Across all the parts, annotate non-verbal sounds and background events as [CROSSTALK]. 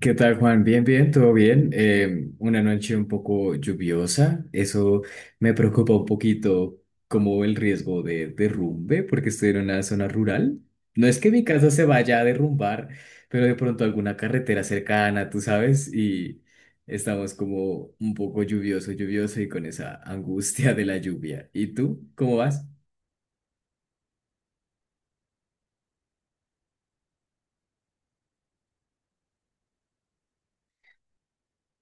¿Qué tal, Juan? Bien, bien, todo bien. Una noche un poco lluviosa. Eso me preocupa un poquito como el riesgo de derrumbe, porque estoy en una zona rural. No es que mi casa se vaya a derrumbar, pero de pronto alguna carretera cercana, tú sabes, y estamos como un poco lluvioso, lluvioso y con esa angustia de la lluvia. ¿Y tú? ¿Cómo vas?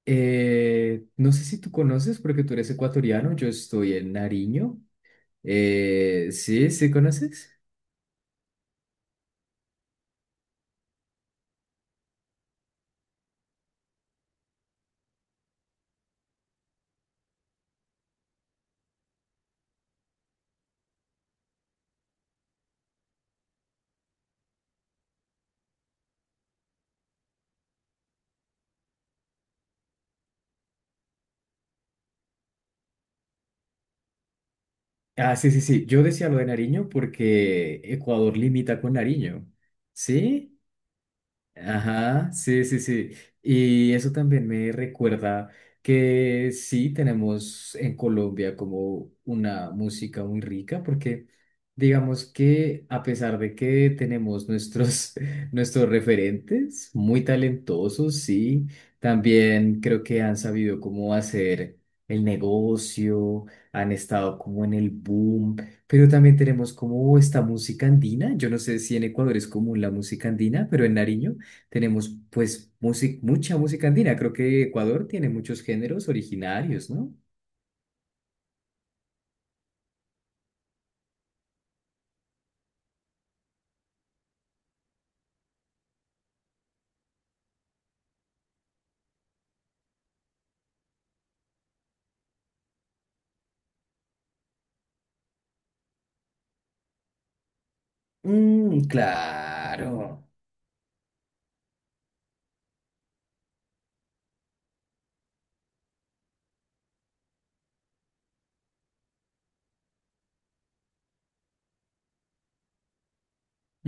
No sé si tú conoces, porque tú eres ecuatoriano, yo estoy en Nariño. Sí, sí, ¿conoces? Ah, sí, sí, sí. Yo decía lo de Nariño porque Ecuador limita con Nariño. ¿Sí? Ajá, sí, sí, sí. Y eso también me recuerda que sí tenemos en Colombia como una música muy rica, porque digamos que a pesar de que tenemos nuestros, [LAUGHS] nuestros referentes muy talentosos, sí, también creo que han sabido cómo hacer el negocio, han estado como en el boom, pero también tenemos como esta música andina. Yo no sé si en Ecuador es común la música andina, pero en Nariño. Tenemos pues música, mucha música andina. Creo que Ecuador tiene muchos géneros originarios, ¿no? Mm, claro.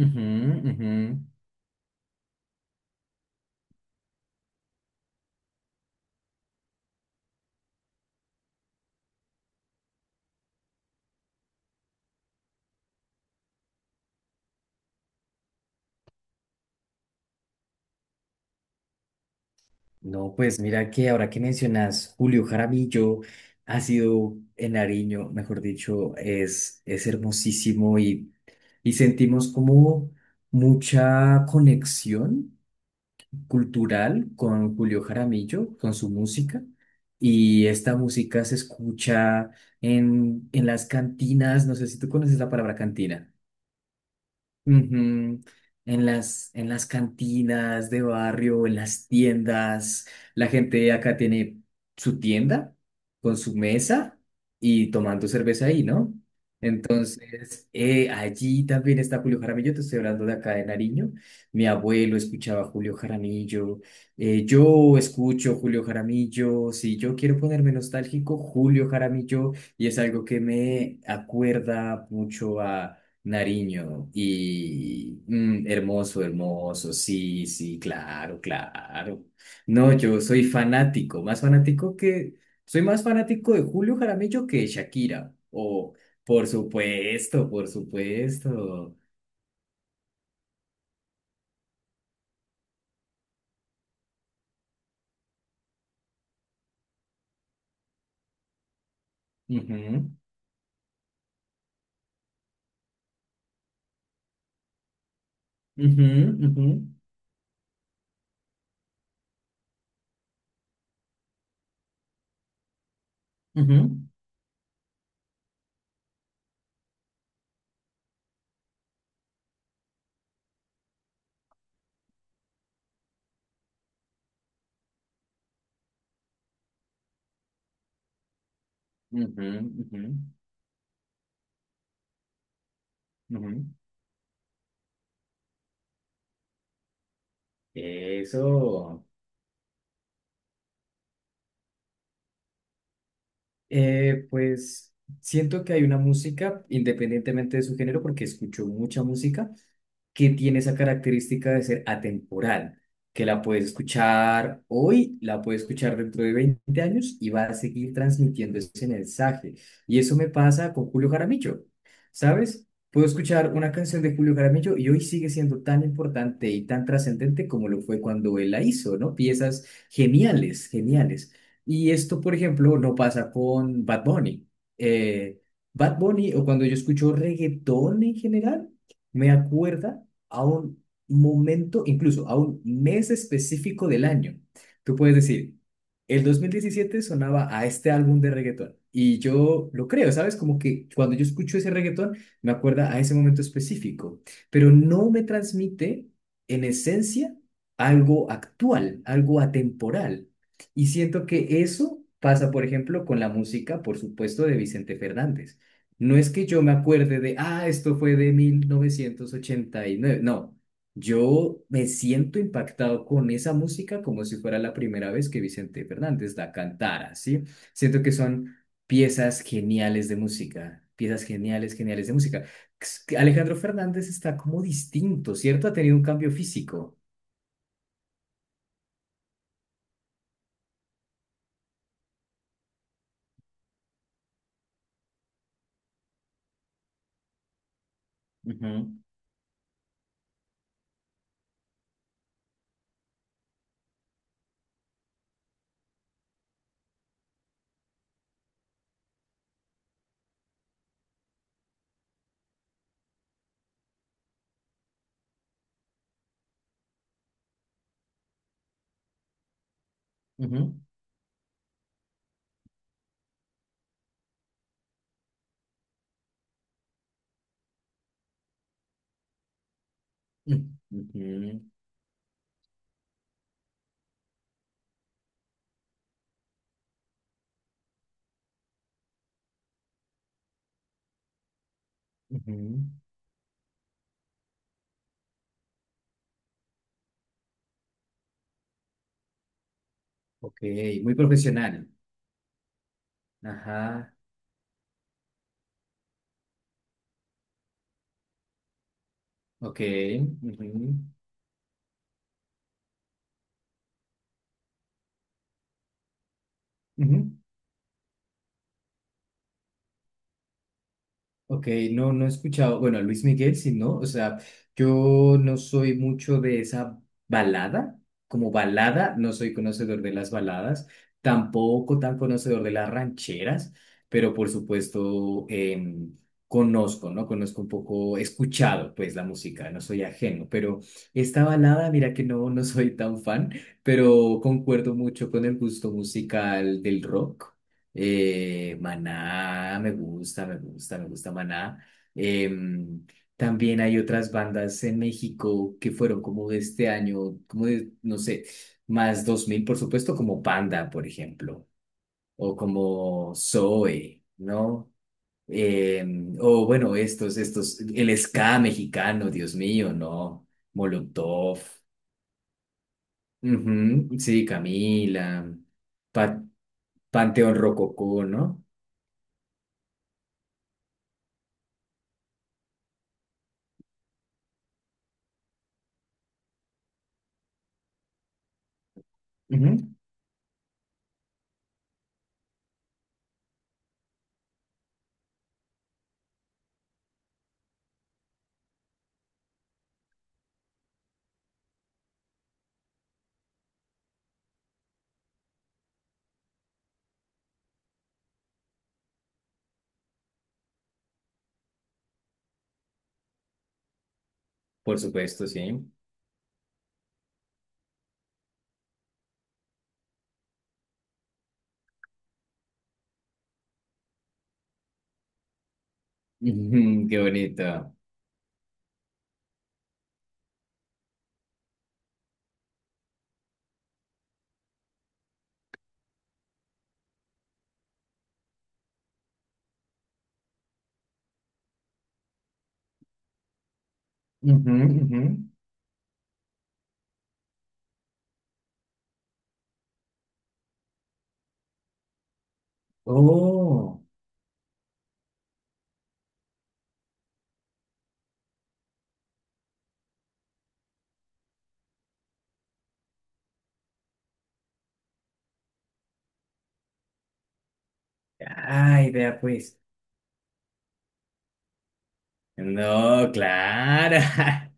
Ujú, ujú. No, pues mira que ahora que mencionas Julio Jaramillo, ha sido en Nariño, mejor dicho, es hermosísimo y sentimos como mucha conexión cultural con Julio Jaramillo, con su música, y esta música se escucha en las cantinas, no sé si tú conoces la palabra cantina. Ujú. En las cantinas de barrio, en las tiendas, la gente acá tiene su tienda con su mesa y tomando cerveza ahí, ¿no? Entonces, allí también está Julio Jaramillo, te estoy hablando de acá de Nariño. Mi abuelo escuchaba Julio Jaramillo, yo escucho Julio Jaramillo, si yo quiero ponerme nostálgico, Julio Jaramillo, y es algo que me acuerda mucho Nariño y mm, hermoso, hermoso, sí, sí, claro, claro. No, yo soy fanático, soy más fanático de Julio Jaramillo que de Shakira. O, por supuesto, por supuesto. Ujú, ujú, ujú, ujú, ujú, ujú, ujú. Eso. Pues siento que hay una música, independientemente de su género, porque escucho mucha música que tiene esa característica de ser atemporal, que la puedes escuchar hoy, la puedes escuchar dentro de 20 años y va a seguir transmitiendo ese mensaje. Y eso me pasa con Julio Jaramillo, ¿sabes? Puedo escuchar una canción de Julio Jaramillo y hoy sigue siendo tan importante y tan trascendente como lo fue cuando él la hizo, ¿no? Piezas geniales, geniales. Y esto, por ejemplo, no pasa con Bad Bunny. Eh, Bad Bunny, o cuando yo escucho reggaetón en general, me acuerda a un momento, incluso a un mes específico del año. Tú puedes decir, el 2017 sonaba a este álbum de reggaetón. Y yo lo creo, ¿sabes? Como que cuando yo escucho ese reggaetón, me acuerda a ese momento específico, pero no me transmite en esencia algo actual, algo atemporal. Y siento que eso pasa, por ejemplo, con la música, por supuesto, de Vicente Fernández. No es que yo me acuerde de, ah, esto fue de 1989. No, yo me siento impactado con esa música como si fuera la primera vez que Vicente Fernández la cantara, ¿sí? Siento que son piezas geniales de música, piezas geniales, geniales de música. Alejandro Fernández está como distinto, ¿cierto? Ha tenido un cambio físico. Ujú, ujú, mm, ujú, ujú. Ok, muy profesional. Ajá, ok. Ujú, ujú. Ok, no, no he escuchado, bueno, a Luis Miguel, sí, ¿no? O sea, yo no soy mucho de esa balada, como balada, no soy conocedor de las baladas, tampoco tan conocedor de las rancheras, pero por supuesto conozco, ¿no? Conozco un poco, he escuchado pues la música, no soy ajeno, pero esta balada, mira que no, no soy tan fan, pero concuerdo mucho con el gusto musical del rock. Maná, me gusta, me gusta, me gusta Maná. Em, También hay otras bandas en México que fueron como de este año, como de, no sé, más 2000, por supuesto, como Panda, por ejemplo, o como Zoe, ¿no? O bueno, estos, el ska mexicano, Dios mío, ¿no? Molotov, ujú, sí, Camila, Pa- Panteón Rococó, ¿no? Ujú. Por supuesto, sí. Ujú, qué bonito. Ujú, ujú. Oh, ay, vea pues. No, claro. [LAUGHS]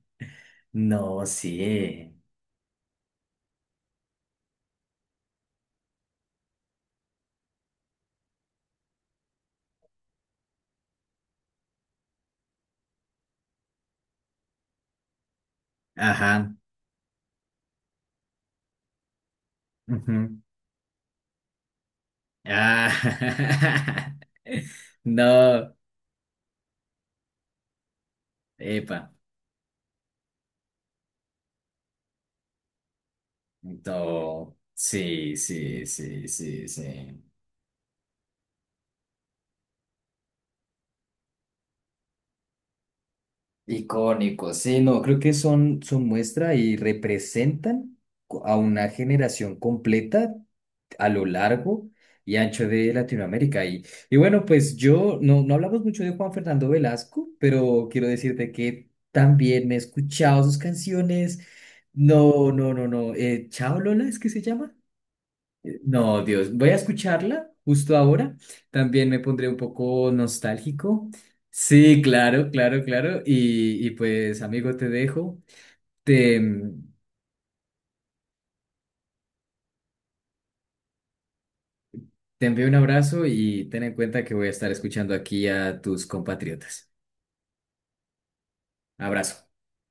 No, sí. Ajá. Ujú. Ah. [LAUGHS] No. Epa. No. Sí, sí, sí, sí, sí. Icónico, sí, no, creo que son, son muestra y representan co- a una generación completa a lo largo y ancho de Latinoamérica. Y bueno, pues yo no, no hablamos mucho de Juan Fernando Velasco, pero quiero decirte que también he escuchado sus canciones. No, no, no, no. Chao Lola, ¿es que se llama? No, Dios, voy a escucharla justo ahora. También me pondré un poco nostálgico. Sí, claro, claro, claro. Y pues, amigo, te dejo. Te, mm, te envío un abrazo y ten en cuenta que voy a estar escuchando aquí a tus compatriotas. Abrazo.